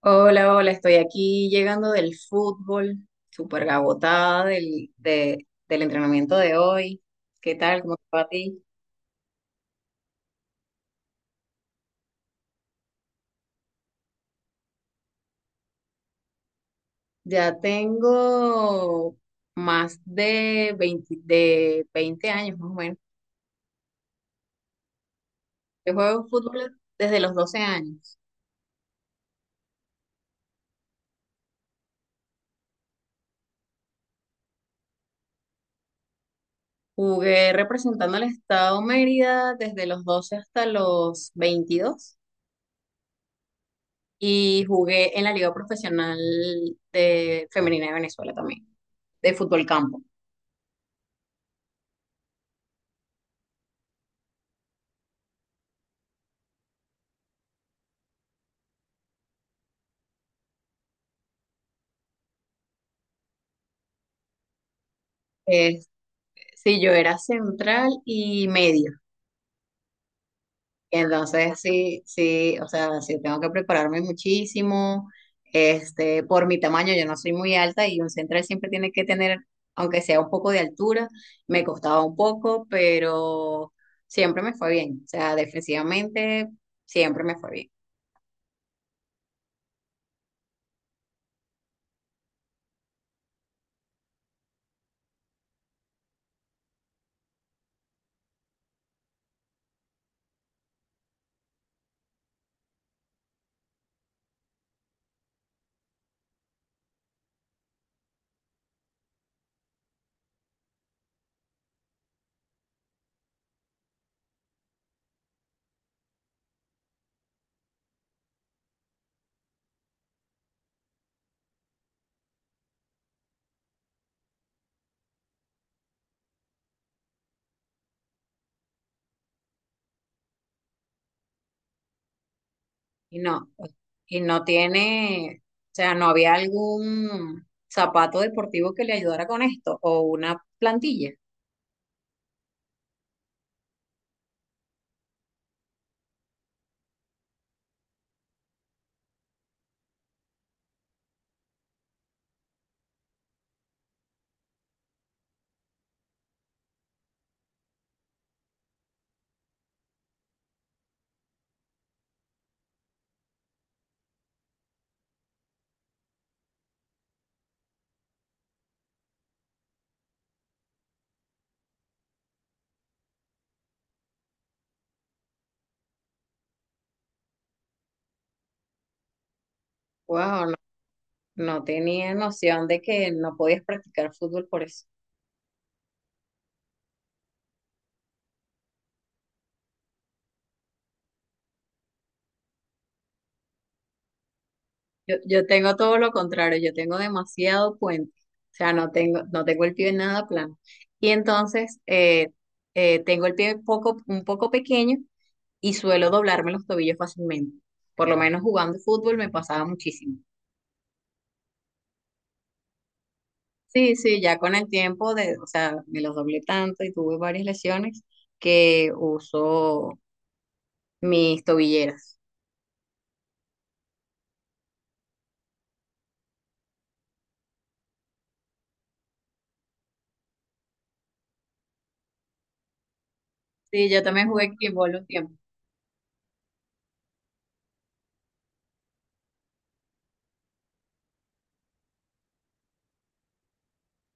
Hola, hola, estoy aquí llegando del fútbol, súper agotada del entrenamiento de hoy. ¿Qué tal? ¿Cómo te va a ti? Ya tengo más de 20 de 20 años, más o menos. Yo juego fútbol desde los 12 años. Jugué representando al estado Mérida desde los 12 hasta los 22 y jugué en la Liga Profesional de Femenina de Venezuela también, de fútbol campo. Sí, yo era central y medio. Entonces, sí, sí, o sea, sí tengo que prepararme muchísimo. Este, por mi tamaño, yo no soy muy alta y un central siempre tiene que tener, aunque sea un poco de altura, me costaba un poco, pero siempre me fue bien. O sea, defensivamente siempre me fue bien. Y no, y no tiene, o sea, no había algún zapato deportivo que le ayudara con esto o una plantilla. Wow, no tenía noción de que no podías practicar fútbol por eso. Yo tengo todo lo contrario, yo tengo demasiado puente, o sea, no tengo, no tengo el pie nada plano. Y entonces tengo el pie poco, un poco pequeño y suelo doblarme los tobillos fácilmente. Por lo menos jugando fútbol me pasaba muchísimo. Sí, sí, ya con el tiempo de, o sea, me los doblé tanto y tuve varias lesiones que uso mis tobilleras. Sí, yo también jugué kickball un tiempo.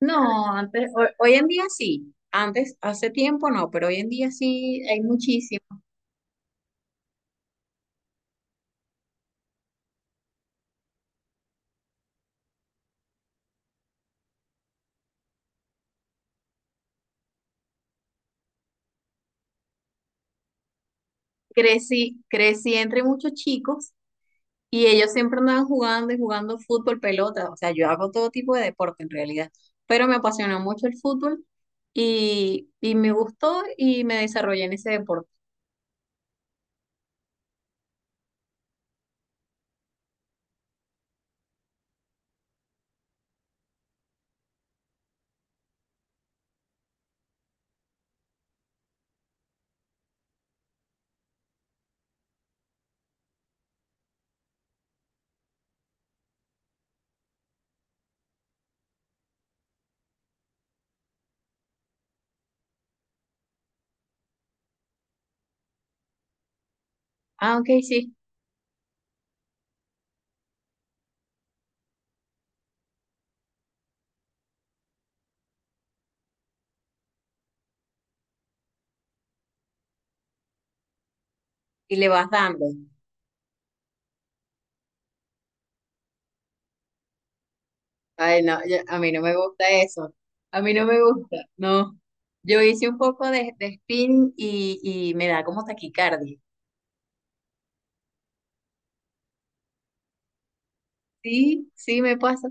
No, antes, hoy en día sí. Antes, hace tiempo no, pero hoy en día sí hay muchísimos. Crecí entre muchos chicos y ellos siempre andaban jugando y jugando fútbol, pelota. O sea, yo hago todo tipo de deporte en realidad, pero me apasionó mucho el fútbol y me gustó y me desarrollé en ese deporte. Ah, ok, sí. Y le vas dando. Ay, no, yo- a mí no me gusta eso. A mí no me gusta, no. Yo hice un poco de spinning y me da como taquicardia. Sí, sí, me pasa.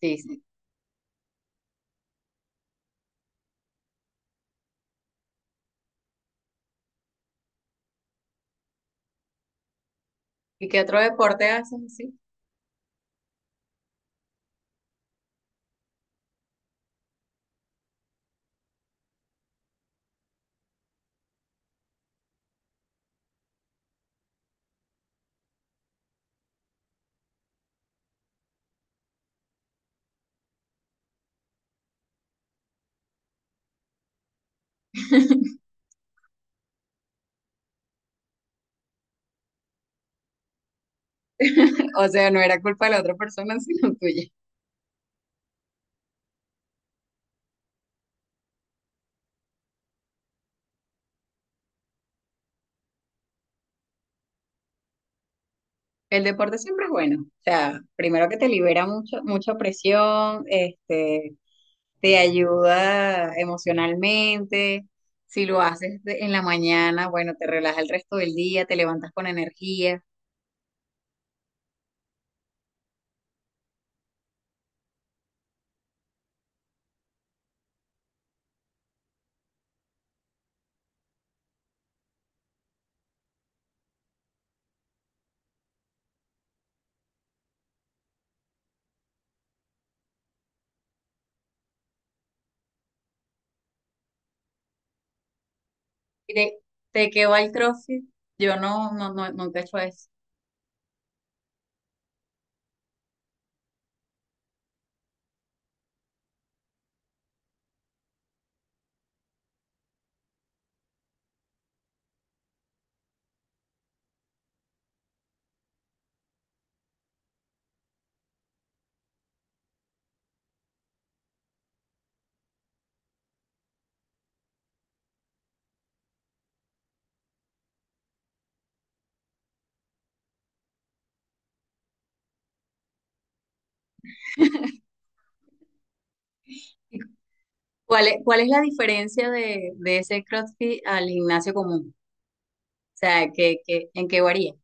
Sí, sí. ¿Y qué otro deporte haces así? O sea, no era culpa de la otra persona, sino tuya. El deporte siempre es bueno. O sea, primero que te libera mucho, mucha presión, este, te ayuda emocionalmente. Si lo haces en la mañana, bueno, te relaja el resto del día, te levantas con energía. Y te quedó al CrossFit. Yo no, no, no, nunca he hecho eso. Cuál es la diferencia de ese CrossFit al gimnasio común? O sea, que, ¿en qué varía?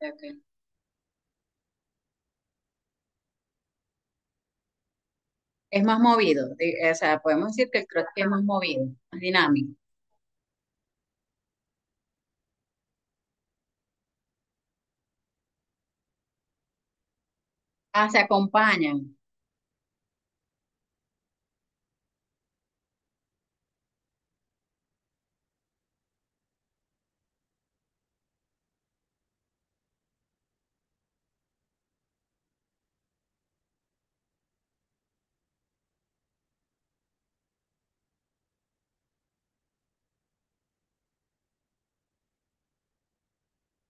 Ok. Es más movido, o sea, podemos decir que el CrossFit es más movido, más dinámico. Ah, se acompañan.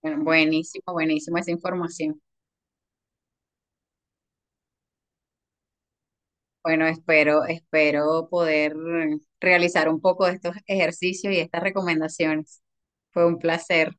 Bueno, buenísimo, buenísimo esa información. Bueno, espero, espero poder realizar un poco de estos ejercicios y estas recomendaciones. Fue un placer.